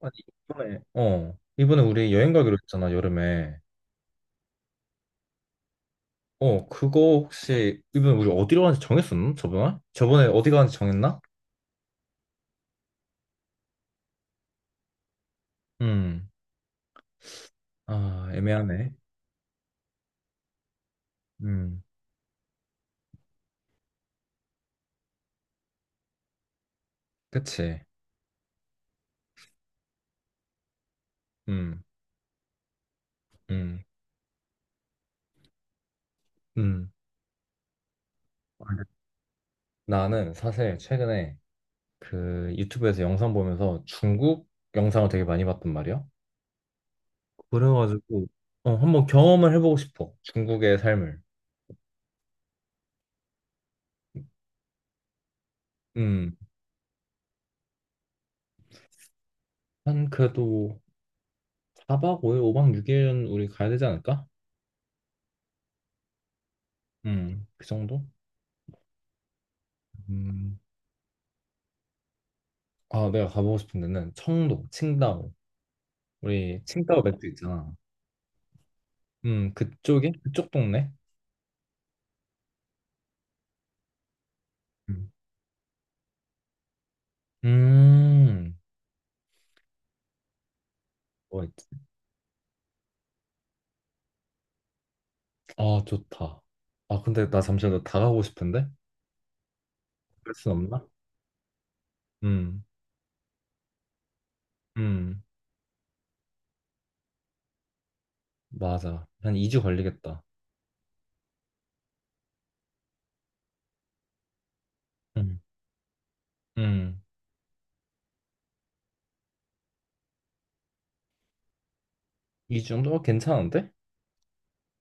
아니, 이번에, 이번에 우리 여행 가기로 했잖아, 여름에. 어, 그거 혹시, 이번에 우리 어디로 가는지 정했었나? 저번에? 저번에 어디 가는지 정했나? 음, 아, 애매하네. 음, 그치. 음, 음, 음. 나는 사실 최근에 그 유튜브에서 영상 보면서 중국 영상을 되게 많이 봤단 말이야. 그래가지고, 어, 한번 경험을 해보고 싶어. 중국의 삶을. 음, 한 그래도 4박 5일, 5박 6일은 우리 가야 되지 않을까? 그 정도? 음, 아, 내가 가보고 싶은 데는 청도, 칭다오. 우리 칭다오 맥주 있잖아. 그쪽에? 그쪽 동네? 음. 음, 뭐 있지? 아, 좋다. 아, 근데 나 잠시만 나다 가고 싶은데? 그럴 순 없나? 음, 음, 맞아. 한 2주 걸리겠다. 음, 음. 2주 정도? 어, 괜찮은데?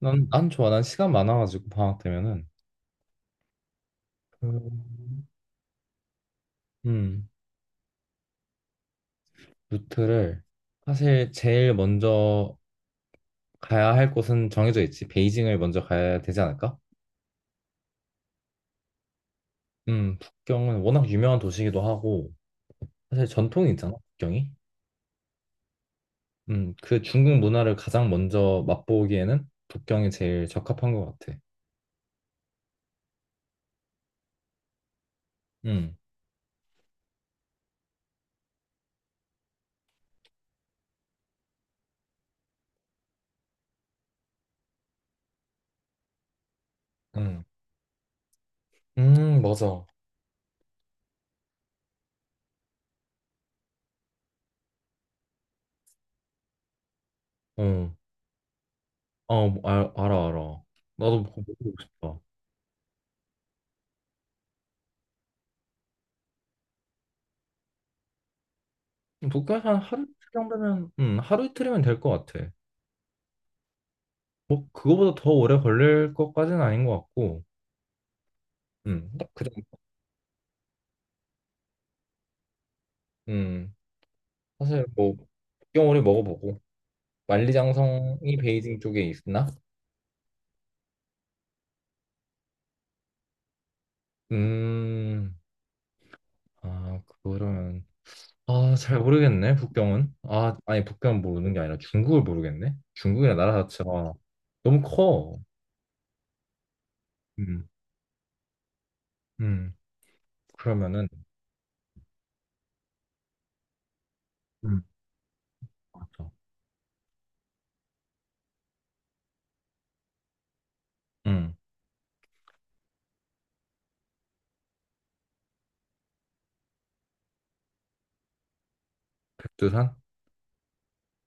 난 좋아. 난 시간 많아가지고, 방학 되면은. 음, 음, 루트를 사실 제일 먼저 가야 할 곳은 정해져 있지. 베이징을 먼저 가야 되지 않을까? 북경은 워낙 유명한 도시이기도 하고, 사실 전통이 있잖아, 북경이. 그 중국 문화를 가장 먼저 맛보기에는 북경이 제일 적합한 것 같아. 음, 음, 맞아. 어, 어, 알아, 알아. 나도 그거 먹어보고 싶다. 북경에서 한 하루 이틀 정도면, 하루 이틀이면 될 것 같아. 뭐, 그거보다 더 오래 걸릴 것까지는 아닌 것 같고, 딱그 정도. 음, 사실 뭐, 북경오리 먹어보고, 만리장성이 베이징 쪽에 있나? 음, 아, 그거는, 아, 잘 모르겠네, 북경은. 아, 아니, 북경은 모르는 게 아니라 중국을 모르겠네? 중국이나 나라 자체가 너무 커. 음, 음, 그러면은, 음, 맞죠. 음, 백두산?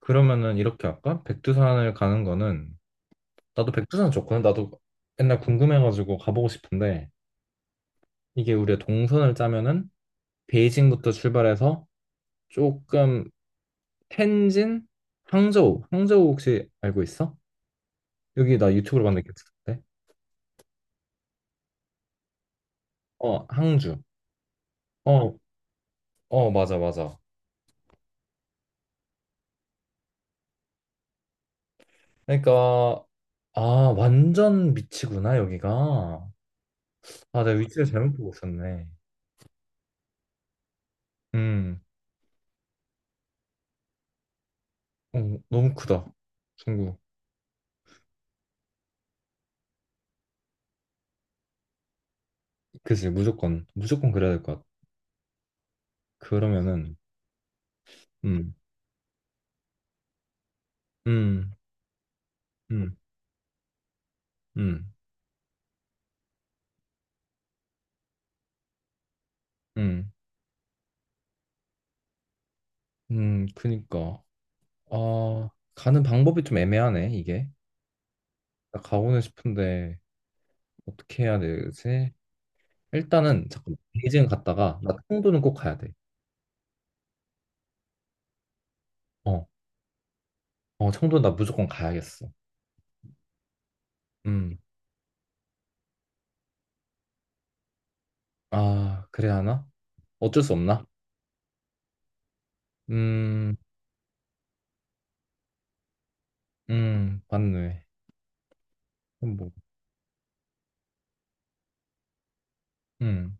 그러면은 이렇게 할까? 백두산을 가는 거는, 나도 백두산 좋거든. 나도 옛날 궁금해가지고 가보고 싶은데, 이게 우리가 동선을 짜면은, 베이징부터 출발해서 조금 텐진, 항저우. 항저우 혹시 알고 있어? 여기 나 유튜브로 봤는데 괜찮은데? 어, 항주. 어, 어, 맞아, 맞아. 그러니까 아, 완전 미치구나, 여기가. 아, 내가 위치를 잘못 보고 있었네. 음, 어, 너무 크다. 중국. 그치, 무조건. 무조건 그래야 될 것 같아. 그러면은, 음, 음, 음, 음, 음, 그니까. 아, 가는 방법이 좀 애매하네, 이게. 나 가고는 싶은데. 어떻게 해야 되지? 일단은 잠깐 베이징 갔다가 나 청도는 꼭 가야 돼. 어, 어 청도 나 무조건 가야겠어. 음, 아 그래야 하나? 어쩔 수 없나? 음, 맞네. 그럼 뭐, 음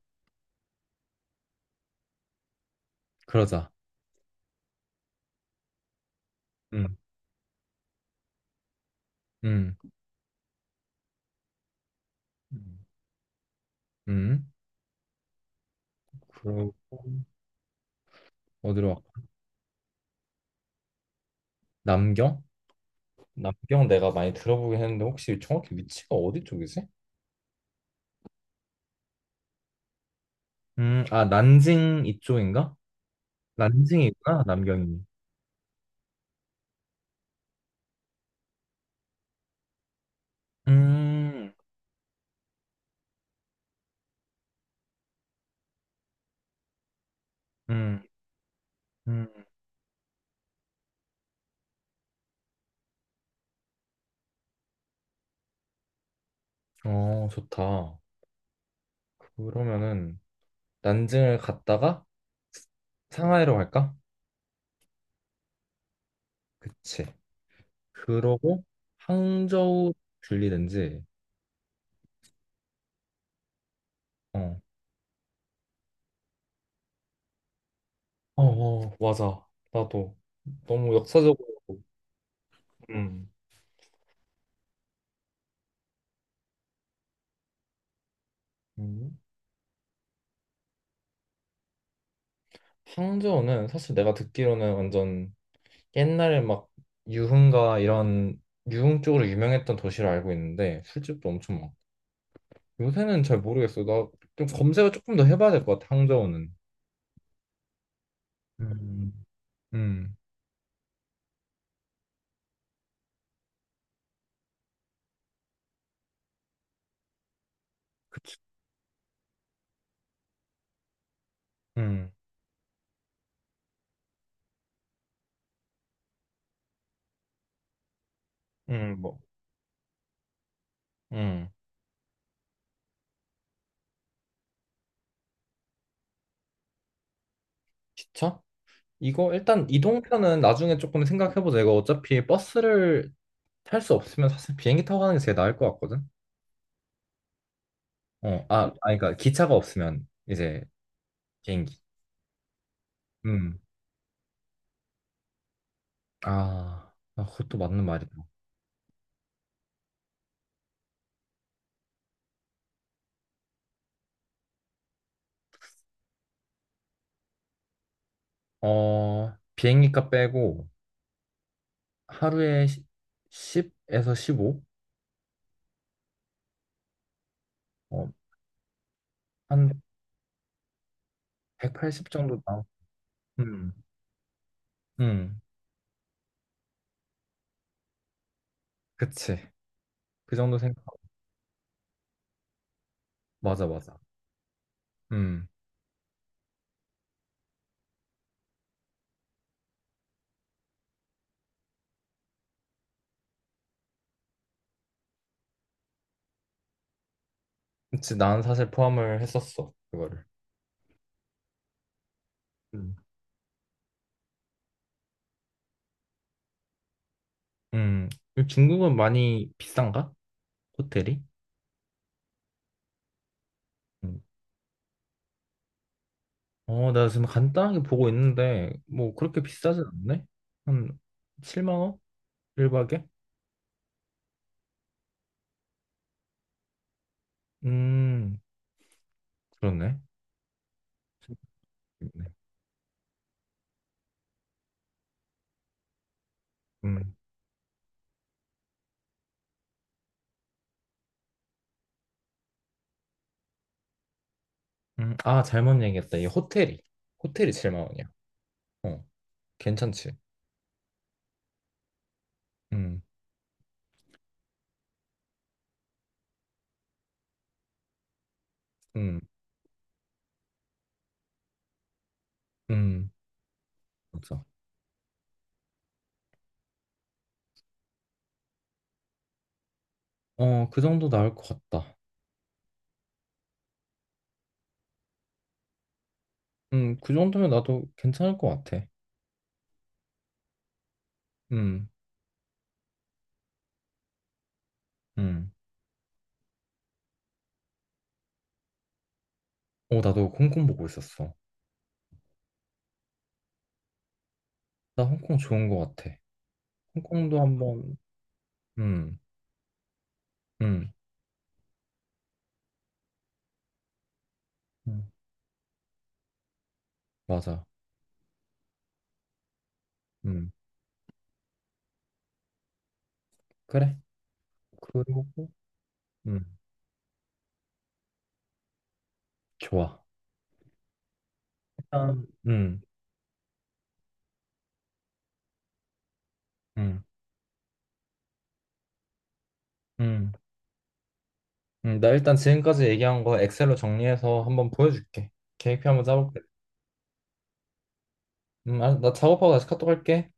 그러자. 음, 음, 음. 그러고 어디로 갈까? 남경? 남경 내가 많이 들어보긴 했는데 혹시 정확히 위치가 어디 쪽이지? 아 난징 이쪽인가? 난징이구나 남경이. 음, 음, 음. 어, 좋다. 그러면은 난징을 갔다가 상하이로 갈까? 그치. 그러고 항저우 들리든지. 어. 어, 어, 맞아. 나도 너무 역사적으로. 음. 음. 항저우는 사실 내가 듣기로는 완전 옛날에 막 유흥가 이런 유흥 쪽으로 유명했던 도시로 알고 있는데 술집도 엄청 많고. 요새는 잘 모르겠어. 나 좀 검색을 조금 더 해봐야 될 것 같아. 항저우는. 음. 음. 음, 뭐, 음, 기차? 이거 일단 이동편은 나중에 조금 생각해보자. 이거 어차피 버스를 탈 수 없으면 사실 비행기 타고 가는 게 제일 나을 것 같거든. 어, 아, 아니, 그러니까 기차가 없으면 이제 비행기. 음, 아, 아, 그것도 맞는 말이다. 어, 비행기값 빼고 하루에 10에서 15? 어, 한 180 정도 나오. 음, 음, 그치. 그 정도 생각. 맞아, 맞아. 음. 그치, 난 사실 포함을 했었어, 그거를. 음. 음, 중국은 많이 비싼가? 호텔이? 음. 어, 나 지금 간단하게 보고 있는데, 뭐, 그렇게 비싸진 않네? 한 7만 원? 1박에? 음, 그렇네. 네. 음, 아, 잘못 얘기했다. 이 호텔이. 호텔이 7만 원이야. 어, 괜찮지. 음, 음, 음, 맞아. 어, 그 정도 나을 것 같다. 그 정도면 나도 괜찮을 것 같아. 음, 음. 어, 나도 홍콩 보고 있었어. 나 홍콩 좋은 거 같아. 홍콩도 한번, 음, 음, 음, 맞아. 음, 그래. 그리고, 음, 좋아. 일단, 음, 음, 나 일단 지금까지 얘기한 거 엑셀로 정리해서 한번 보여줄게. 계획표 한번 짜볼게. 아, 나 작업하고 다시 카톡 할게.